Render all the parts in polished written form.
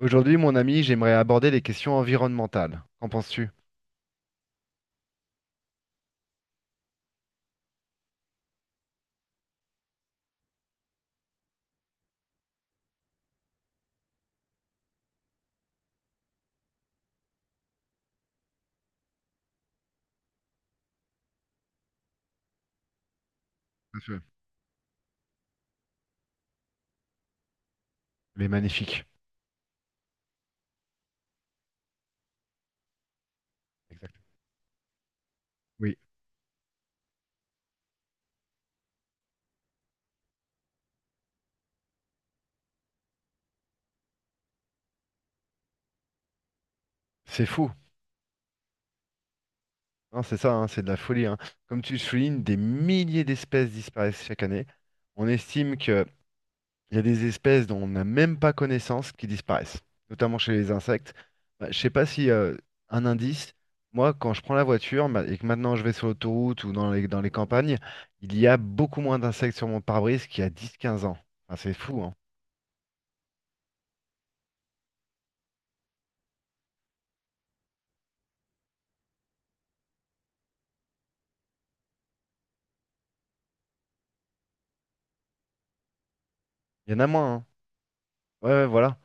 Aujourd'hui, mon ami, j'aimerais aborder les questions environnementales. Qu'en penses-tu? Tout à fait. Les magnifiques. Exact. Oui. C'est fou. Hein, c'est ça, hein, c'est de la folie. Hein. Comme tu le soulignes, des milliers d'espèces disparaissent chaque année. On estime qu'il y a des espèces dont on n'a même pas connaissance qui disparaissent, notamment chez les insectes. Bah, je sais pas si un indice, moi, quand je prends la voiture et que maintenant je vais sur l'autoroute ou dans dans les campagnes, il y a beaucoup moins d'insectes sur mon pare-brise qu'il y a dix, quinze ans. Enfin, c'est fou, hein. Il y en a moins, hein. Ouais, ouais, voilà.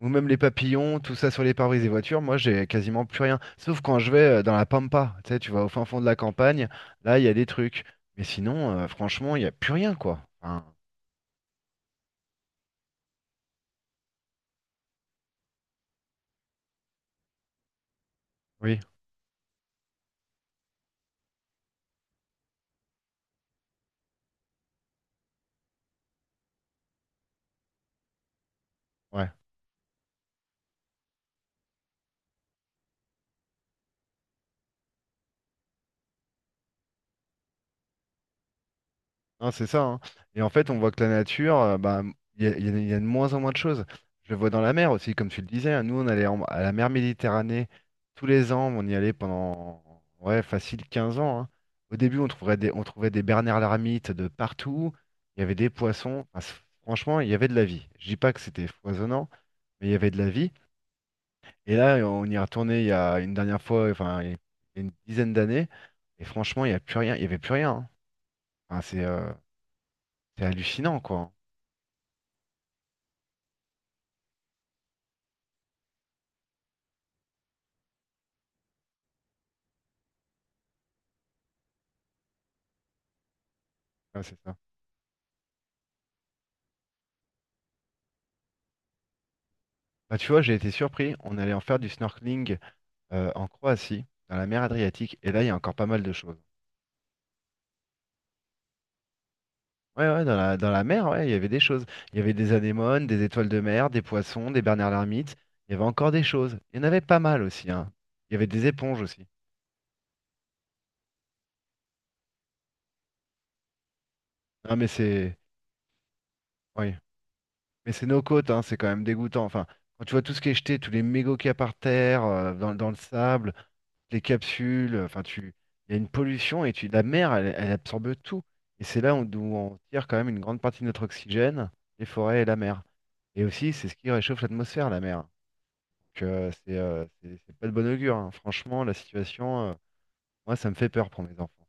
Ou même les papillons, tout ça sur les pare-brise des voitures, moi j'ai quasiment plus rien. Sauf quand je vais dans la pampa, tu sais, tu vas au fin fond de la campagne, là il y a des trucs. Mais sinon, franchement, il n'y a plus rien, quoi. Enfin, oui, ouais. Hein, c'est ça. Hein. Et en fait, on voit que la nature, bah, il y a de moins en moins de choses. Je le vois dans la mer aussi, comme tu le disais. Hein. Nous, à la mer Méditerranée tous les ans. On y allait pendant, ouais, facile 15 ans. Hein. Au début, on trouvait des bernards l'ermite de partout. Il y avait des poissons. Enfin, franchement, il y avait de la vie. Je dis pas que c'était foisonnant, mais il y avait de la vie. Et là, on y est retourné il y a une dernière fois, enfin, il y a une dizaine d'années. Et franchement, il y a plus rien. Il y avait plus rien. Hein. Enfin, c'est hallucinant, quoi. Hein. Ouais, c'est ça. Bah, tu vois, j'ai été surpris. On allait en faire du snorkeling en Croatie, dans la mer Adriatique, et là, il y a encore pas mal de choses. Ouais, ouais, dans dans la mer, ouais, il y avait des choses. Il y avait des anémones, des étoiles de mer, des poissons, des bernards l'ermite. Il y avait encore des choses. Il y en avait pas mal aussi, hein. Il y avait des éponges aussi. Non, mais c'est, oui, mais c'est nos côtes, hein, c'est quand même dégoûtant. Enfin, quand tu vois tout ce qui est jeté, tous les mégots qu'il y a par terre, dans, dans le sable, les capsules, il y a une pollution et la mer, elle, elle absorbe tout. Et c'est là où, d'où on tire quand même une grande partie de notre oxygène, les forêts et la mer. Et aussi, c'est ce qui réchauffe l'atmosphère, la mer. Donc c'est pas de bon augure. Hein. Franchement, la situation, moi, ça me fait peur pour mes enfants.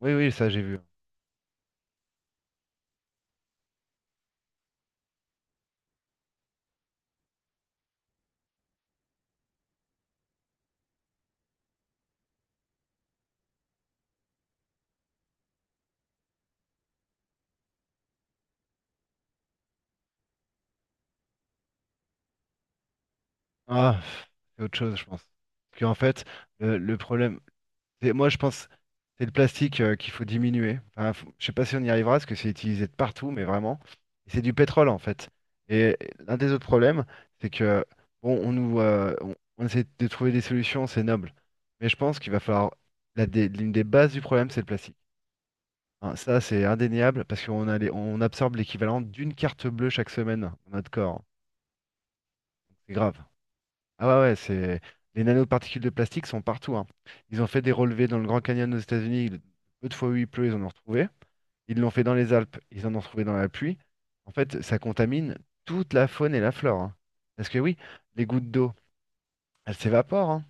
Oui, oui, ça j'ai vu. Ah, pff, c'est autre chose, je pense. Parce qu'en fait, le problème, et moi, je pense c'est le plastique qu'il faut diminuer. Enfin, je sais pas si on y arrivera, parce que c'est utilisé de partout, mais vraiment. Et c'est du pétrole, en fait. Et l'un des autres problèmes, c'est que, bon, on essaie de trouver des solutions, c'est noble. Mais je pense qu'il va falloir, l'une des bases du problème, c'est le plastique. Hein, ça, c'est indéniable, parce qu'on on absorbe l'équivalent d'une carte bleue chaque semaine dans notre corps. C'est grave. Ah ouais, ouais, c'est... Les nanoparticules de plastique sont partout, hein. Ils ont fait des relevés dans le Grand Canyon aux États-Unis. Peu de fois où il pleut, ils en ont retrouvé. Ils l'ont fait dans les Alpes, ils en ont retrouvé dans la pluie. En fait, ça contamine toute la faune et la flore. Hein. Parce que oui, les gouttes d'eau, elles s'évaporent. Hein.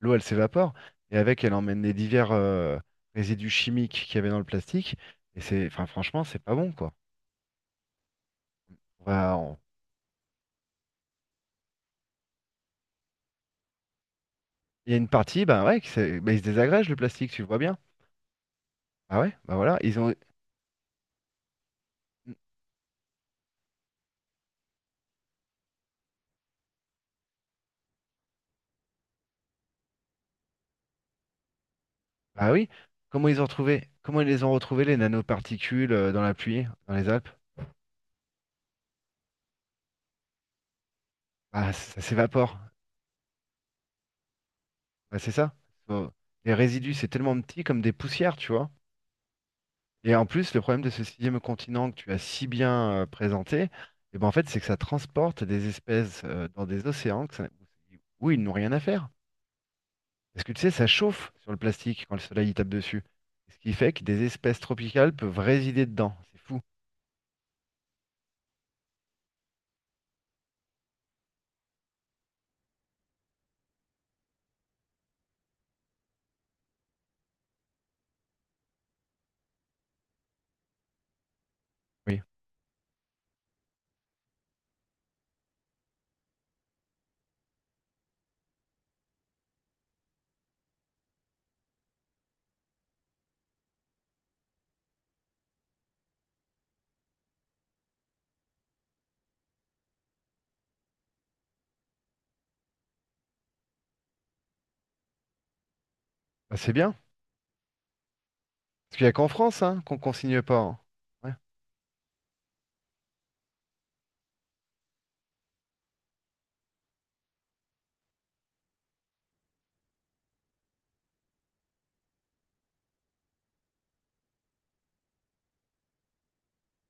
L'eau, elle s'évapore. Et avec, elle emmène les divers résidus chimiques qu'il y avait dans le plastique. Et c'est, enfin, franchement, c'est pas bon, quoi. On va- on- Il y a une partie, bah ouais, bah, il se désagrège le plastique, tu le vois bien. Ah ouais, bah voilà, ils ont. Ah oui, comment ils les ont retrouvés les nanoparticules dans la pluie, dans les Alpes? Ah, ça s'évapore. Bah, c'est ça. Faut- les résidus, c'est tellement petit comme des poussières, tu vois. Et en plus, le problème de ce sixième continent que tu as si bien présenté, eh ben en fait, c'est que ça transporte des espèces dans des océans où ils n'ont rien à faire. Parce que tu sais, ça chauffe sur le plastique quand le soleil y tape dessus. Ce qui fait que des espèces tropicales peuvent résider dedans. C'est fou. Oui. Bah, c'est bien. Parce qu'il n'y a qu'en France hein, qu'on consigne pas. Hein. Ouais.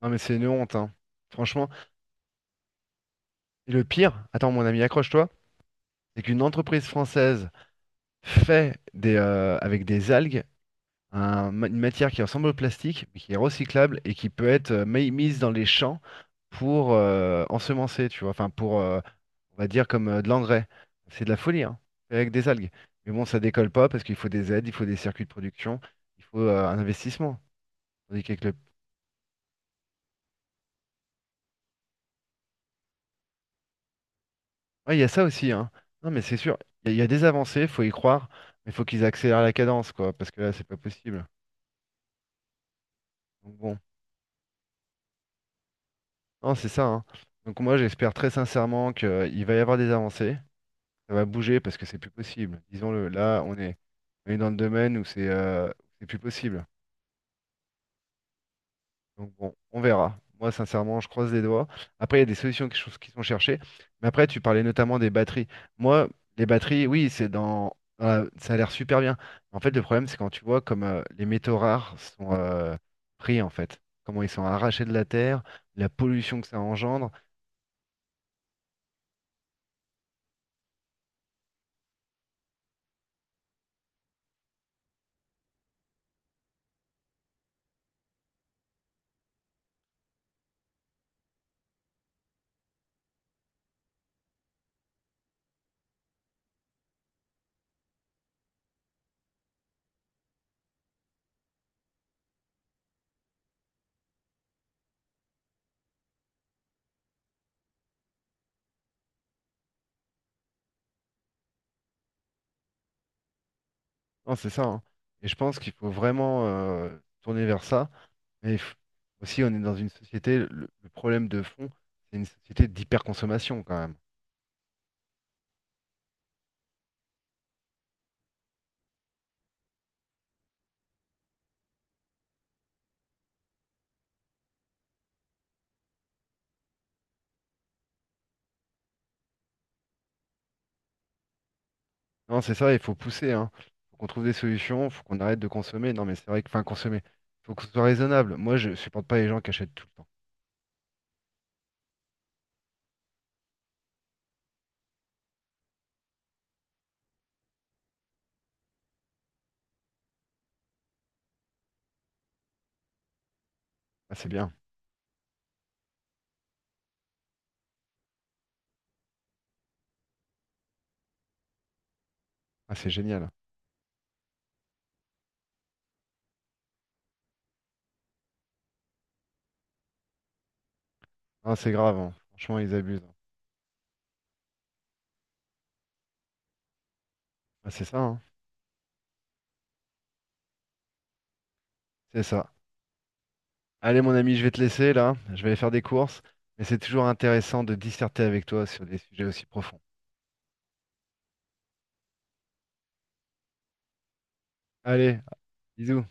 Non mais c'est une honte, hein. Franchement. Et le pire, attends mon ami, accroche-toi, c'est qu'une entreprise française, avec des algues une matière qui ressemble au plastique, mais qui est recyclable et qui peut être mise dans les champs pour ensemencer, tu vois. Enfin pour, on va dire comme de l'engrais. C'est de la folie, hein. Fait avec des algues. Mais bon, ça décolle pas parce qu'il faut des aides, il faut des circuits de production, il faut un investissement. Tandis qu'avec le ouais, il y a ça aussi, hein. Non, mais c'est sûr, il y a des avancées, faut y croire, mais faut qu'ils accélèrent la cadence, quoi, parce que là, c'est pas possible. Donc bon, non, c'est ça, hein. Donc moi, j'espère très sincèrement qu'il va y avoir des avancées, ça va bouger parce que c'est plus possible. Disons-le, là, on est dans le domaine où c'est plus possible. Donc bon, on verra. Moi, sincèrement, je croise les doigts. Après, il y a des solutions qui sont cherchées. Mais après, tu parlais notamment des batteries. Moi, les batteries, oui, dans la- ça a l'air super bien. En fait, le problème, c'est quand tu vois comme les métaux rares sont pris, en fait. Comment ils sont arrachés de la terre, la pollution que ça engendre. Non, c'est ça. Hein. Et je pense qu'il faut vraiment tourner vers ça. Mais il faut- aussi, on est dans une société, le problème de fond, c'est une société d'hyperconsommation quand même. Non, c'est ça, il faut pousser, hein. Faut qu'on trouve des solutions, faut qu'on arrête de consommer. Non, mais c'est vrai que, enfin, consommer, faut que ce soit raisonnable. Moi, je supporte pas les gens qui achètent tout le temps. Ah, c'est bien. Ah, c'est génial. Ah, c'est grave, hein. Franchement, ils abusent. Hein. Ah, c'est ça, hein. C'est ça. Allez, mon ami, je vais te laisser là. Je vais aller faire des courses. Mais c'est toujours intéressant de disserter avec toi sur des sujets aussi profonds. Allez, bisous.